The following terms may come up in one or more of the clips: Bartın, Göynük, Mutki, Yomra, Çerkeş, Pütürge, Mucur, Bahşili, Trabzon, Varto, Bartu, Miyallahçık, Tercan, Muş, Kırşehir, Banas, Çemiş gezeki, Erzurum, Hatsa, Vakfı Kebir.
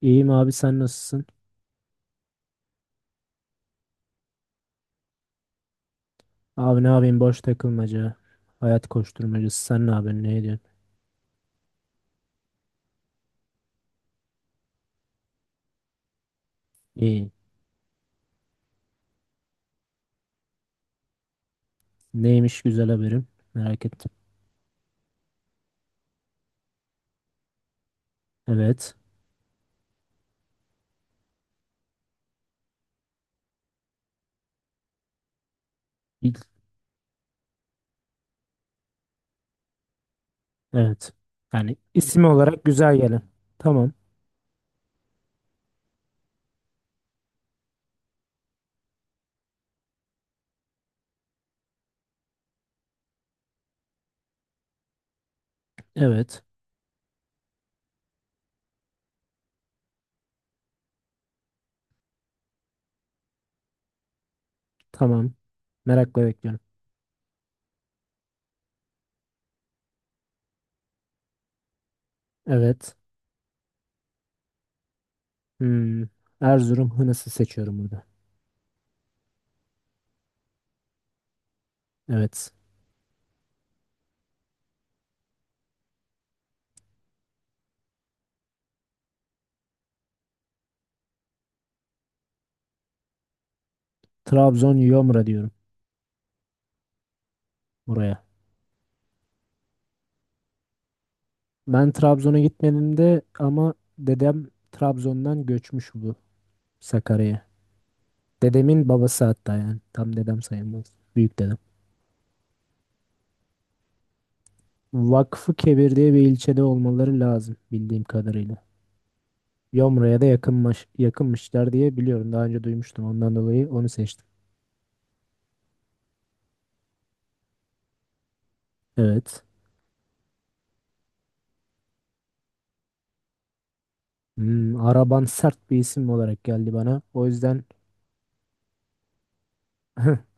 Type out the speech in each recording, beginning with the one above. İyiyim abi, sen nasılsın? Abi, ne yapayım, boş takılmaca. Hayat koşturmacası, sen ne yapıyorsun, ne ediyorsun? İyi. Neymiş güzel haberim? Merak ettim. Evet. İl- Evet. Yani isim olarak güzel gelen. Tamam. Evet. Tamam. Merakla bekliyorum. Evet. Hmm. Erzurum Hınıs'ı seçiyorum burada. Evet. Trabzon Yomra diyorum buraya. Ben Trabzon'a gitmedim de ama dedem Trabzon'dan göçmüş, bu Sakarya'ya. Dedemin babası hatta, yani. Tam dedem sayılmaz. Büyük dedem. Vakfı Kebir diye bir ilçede olmaları lazım bildiğim kadarıyla. Yomra'ya da yakınmış, yakınmışlar diye biliyorum. Daha önce duymuştum. Ondan dolayı onu seçtim. Evet. Hmm, araban sert bir isim olarak geldi bana. O yüzden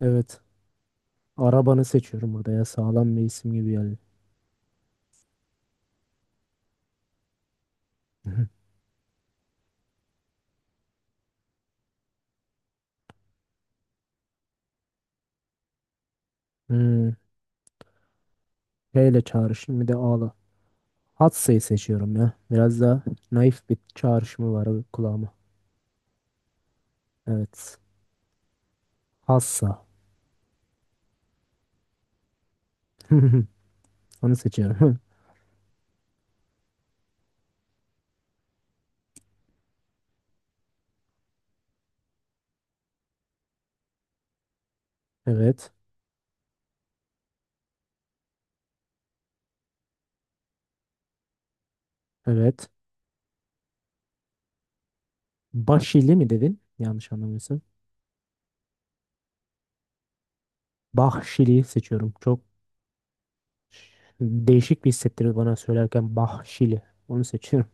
evet. Arabanı seçiyorum burada ya. Sağlam bir isim gibi geldi. Hmm, P ile çağrışım, bir de A'la. Hatsa'yı seçiyorum ya. Biraz daha naif bir çağrışımı var kulağıma. Evet. Hassa. Onu seçiyorum. Evet. Evet. Bahşili mi dedin? Yanlış anlamıyorsun. Bahşili seçiyorum. Çok değişik bir hissettirir bana söylerken Bahşili. Onu seçiyorum.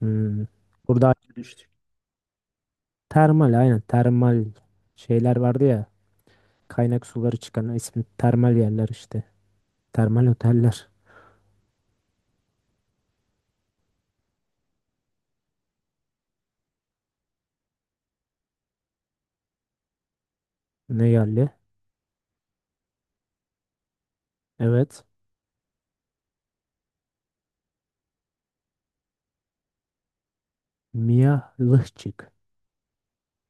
Hmm. Burada ayrı düştük. Termal, aynen, termal şeyler vardı ya. Kaynak suları çıkan ismi termal yerler işte. Termal oteller. Ne yerli? Evet. Miyallıhçık.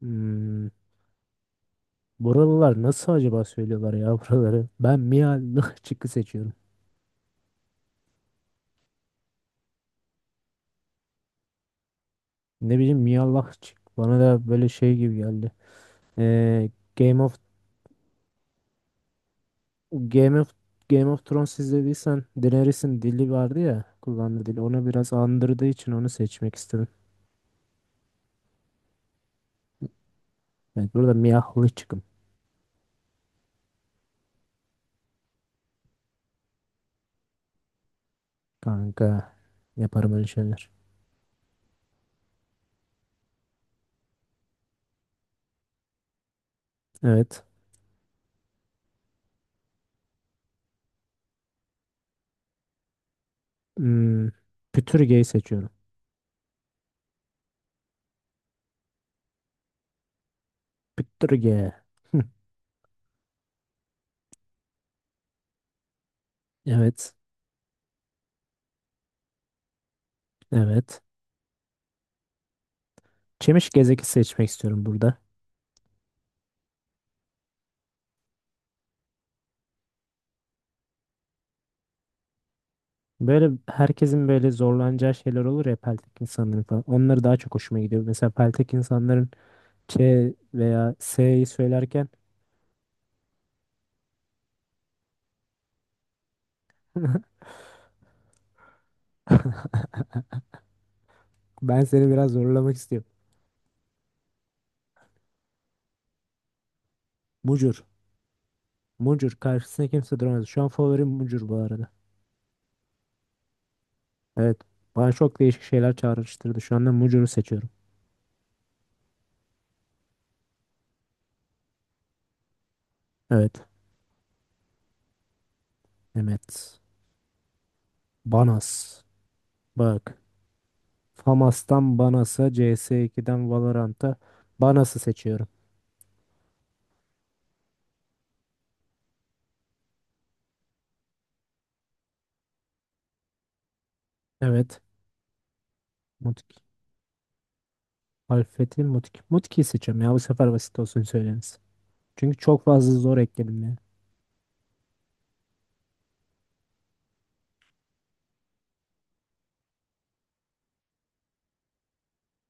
Hmm. Buralılar nasıl acaba söylüyorlar ya buraları? Ben Miyallıhçık'ı seçiyorum. Ne bileyim, Miyallahçık bana da böyle şey gibi geldi. Ee, Game of Game of Game of Thrones izlediysen, Daenerys'in dili vardı ya, kullandığı dili ona biraz andırdığı için onu seçmek istedim. Evet, burada Miyallahçık'ım kanka, yaparım öyle şeyler. Evet. Hmm, Pütürge'yi seçiyorum. Pütürge. Hı. Evet. Evet. Çemiş gezeki seçmek istiyorum burada. Böyle herkesin böyle zorlanacağı şeyler olur ya, peltek insanların falan. Onları daha çok hoşuma gidiyor. Mesela peltek insanların Ç veya S'yi söylerken ben seni biraz zorlamak istiyorum. Mucur. Mucur. Karşısına kimse duramaz. Şu an favorim Mucur bu arada. Evet. Bana çok değişik şeyler çağrıştırdı. Şu anda Mucur'u seçiyorum. Evet. Mehmet. Banas. Bak. Famas'tan Banas'a, CS2'den Valorant'a, Banas'ı seçiyorum. Evet. Mutki. Alfet'in Mutki. Mutki'yi seçiyorum ya. Bu sefer basit olsun söyleniz. Çünkü çok fazla zor ekledim ya.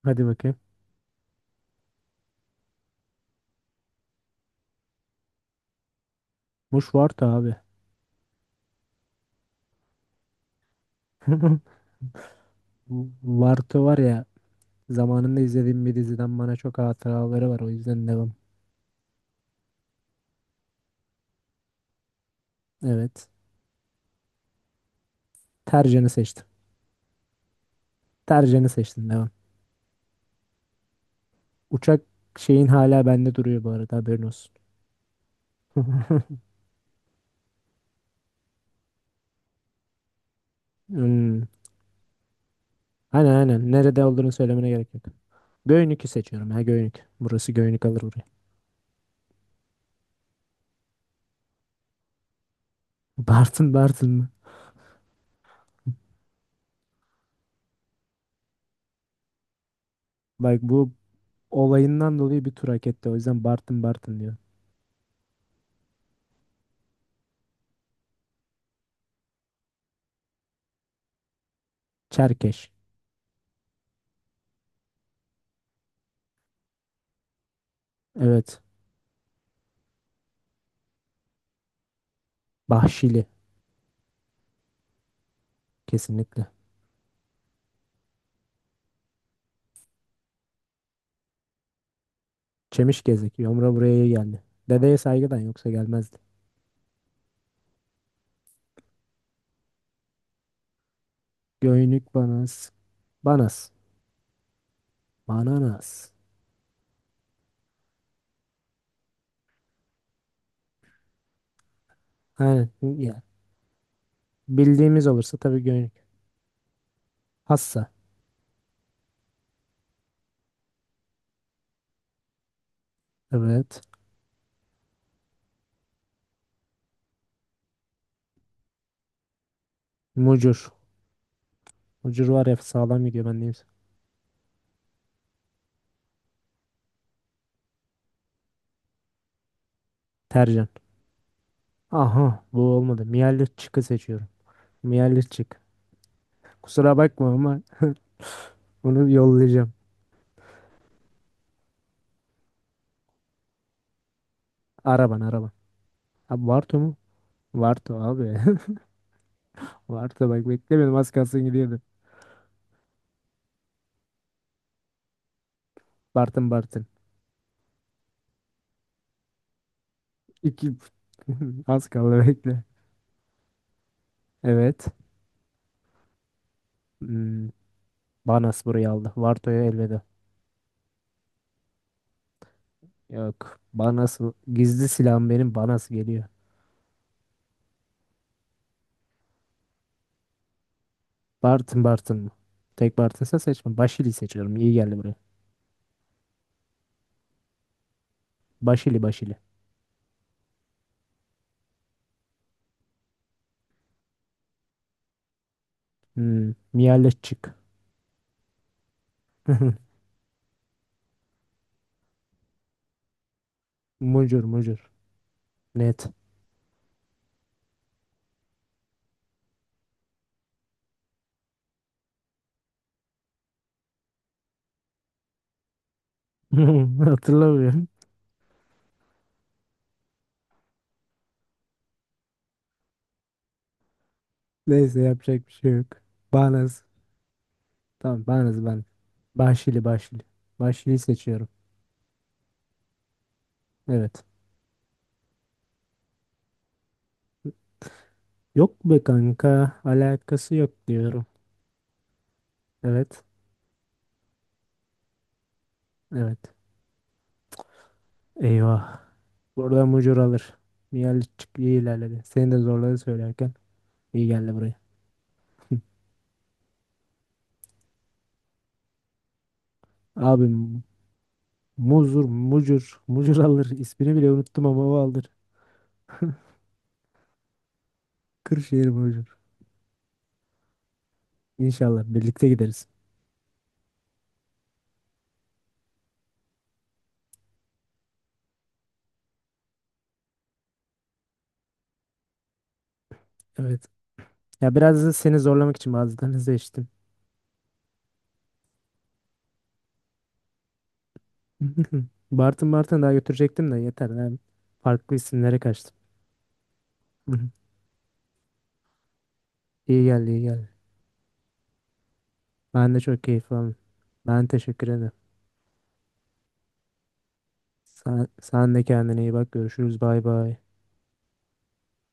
Hadi bakayım. Muş var da abi. Varto var ya, zamanında izlediğim bir diziden bana çok hatıraları var, o yüzden devam. Evet. Tercan'ı seçtim. Tercan'ı seçtim, devam. Uçak şeyin hala bende duruyor bu arada, haberin olsun. Hmm. Aynen, aynen. Nerede olduğunu söylemene gerek yok. Göynük'ü seçiyorum, ha Göynük. Burası Göynük alır burayı. Bartın Bartın mı? Bak, bu olayından dolayı bir tur hak etti. O yüzden Bartın Bartın diyor. Çerkeş. Evet. Bahşili. Kesinlikle. Çemiş gezek. Yomra buraya geldi. Dedeye saygıdan yoksa gelmezdi. Göynük banas. Banas. Bananas. Aynen. Ya. Bildiğimiz olursa tabii göynük. Hassa. Evet. Mucur. Mucur var ya, sağlam gidiyor ben neyse. Tercan. Aha, bu olmadı. Miyalit çıkı seçiyorum. Miyalit çık. Kusura bakma ama bunu yollayacağım. Araban, araban. Abi Bartu mu? Bartu abi. Bartu, bak beklemedim, az kalsın gidiyordu. Bartın Bartın. İki az kaldı, bekle. Evet. Hmm. Banas burayı aldı. Varto'ya elveda. Yok. Banas gizli silahım benim. Banas geliyor. Bartın Bartın mı? Tek Bartın'sa seçme. Başili seçiyorum. İyi geldi buraya. Başili, Başili. Hmm. Miyaleş çık. Mucur, Mucur. Net. Hatırlamıyorum. Neyse, yapacak bir şey yok. Banas. Tamam, Banas ben. Başili, Başili. Başili seçiyorum. Evet. Yok be kanka. Alakası yok diyorum. Evet. Evet. Eyvah. Buradan mucur alır. Nihal çık iyi ilerledi. Seni de zorladı söylerken. İyi geldi buraya. Abi muzur, mucur, mucur alır. İsmini bile unuttum ama o alır. Kırşehir mucur. İnşallah birlikte gideriz. Evet. Ya, biraz da seni zorlamak için bazılarını seçtim. Bartın Bartın daha götürecektim de, yeter. Ben farklı isimlere kaçtım. Hı hı. İyi geldi, iyi geldi. Ben de çok keyif aldım. Ben teşekkür ederim. Sen, sen de kendine iyi bak. Görüşürüz. Bay bay.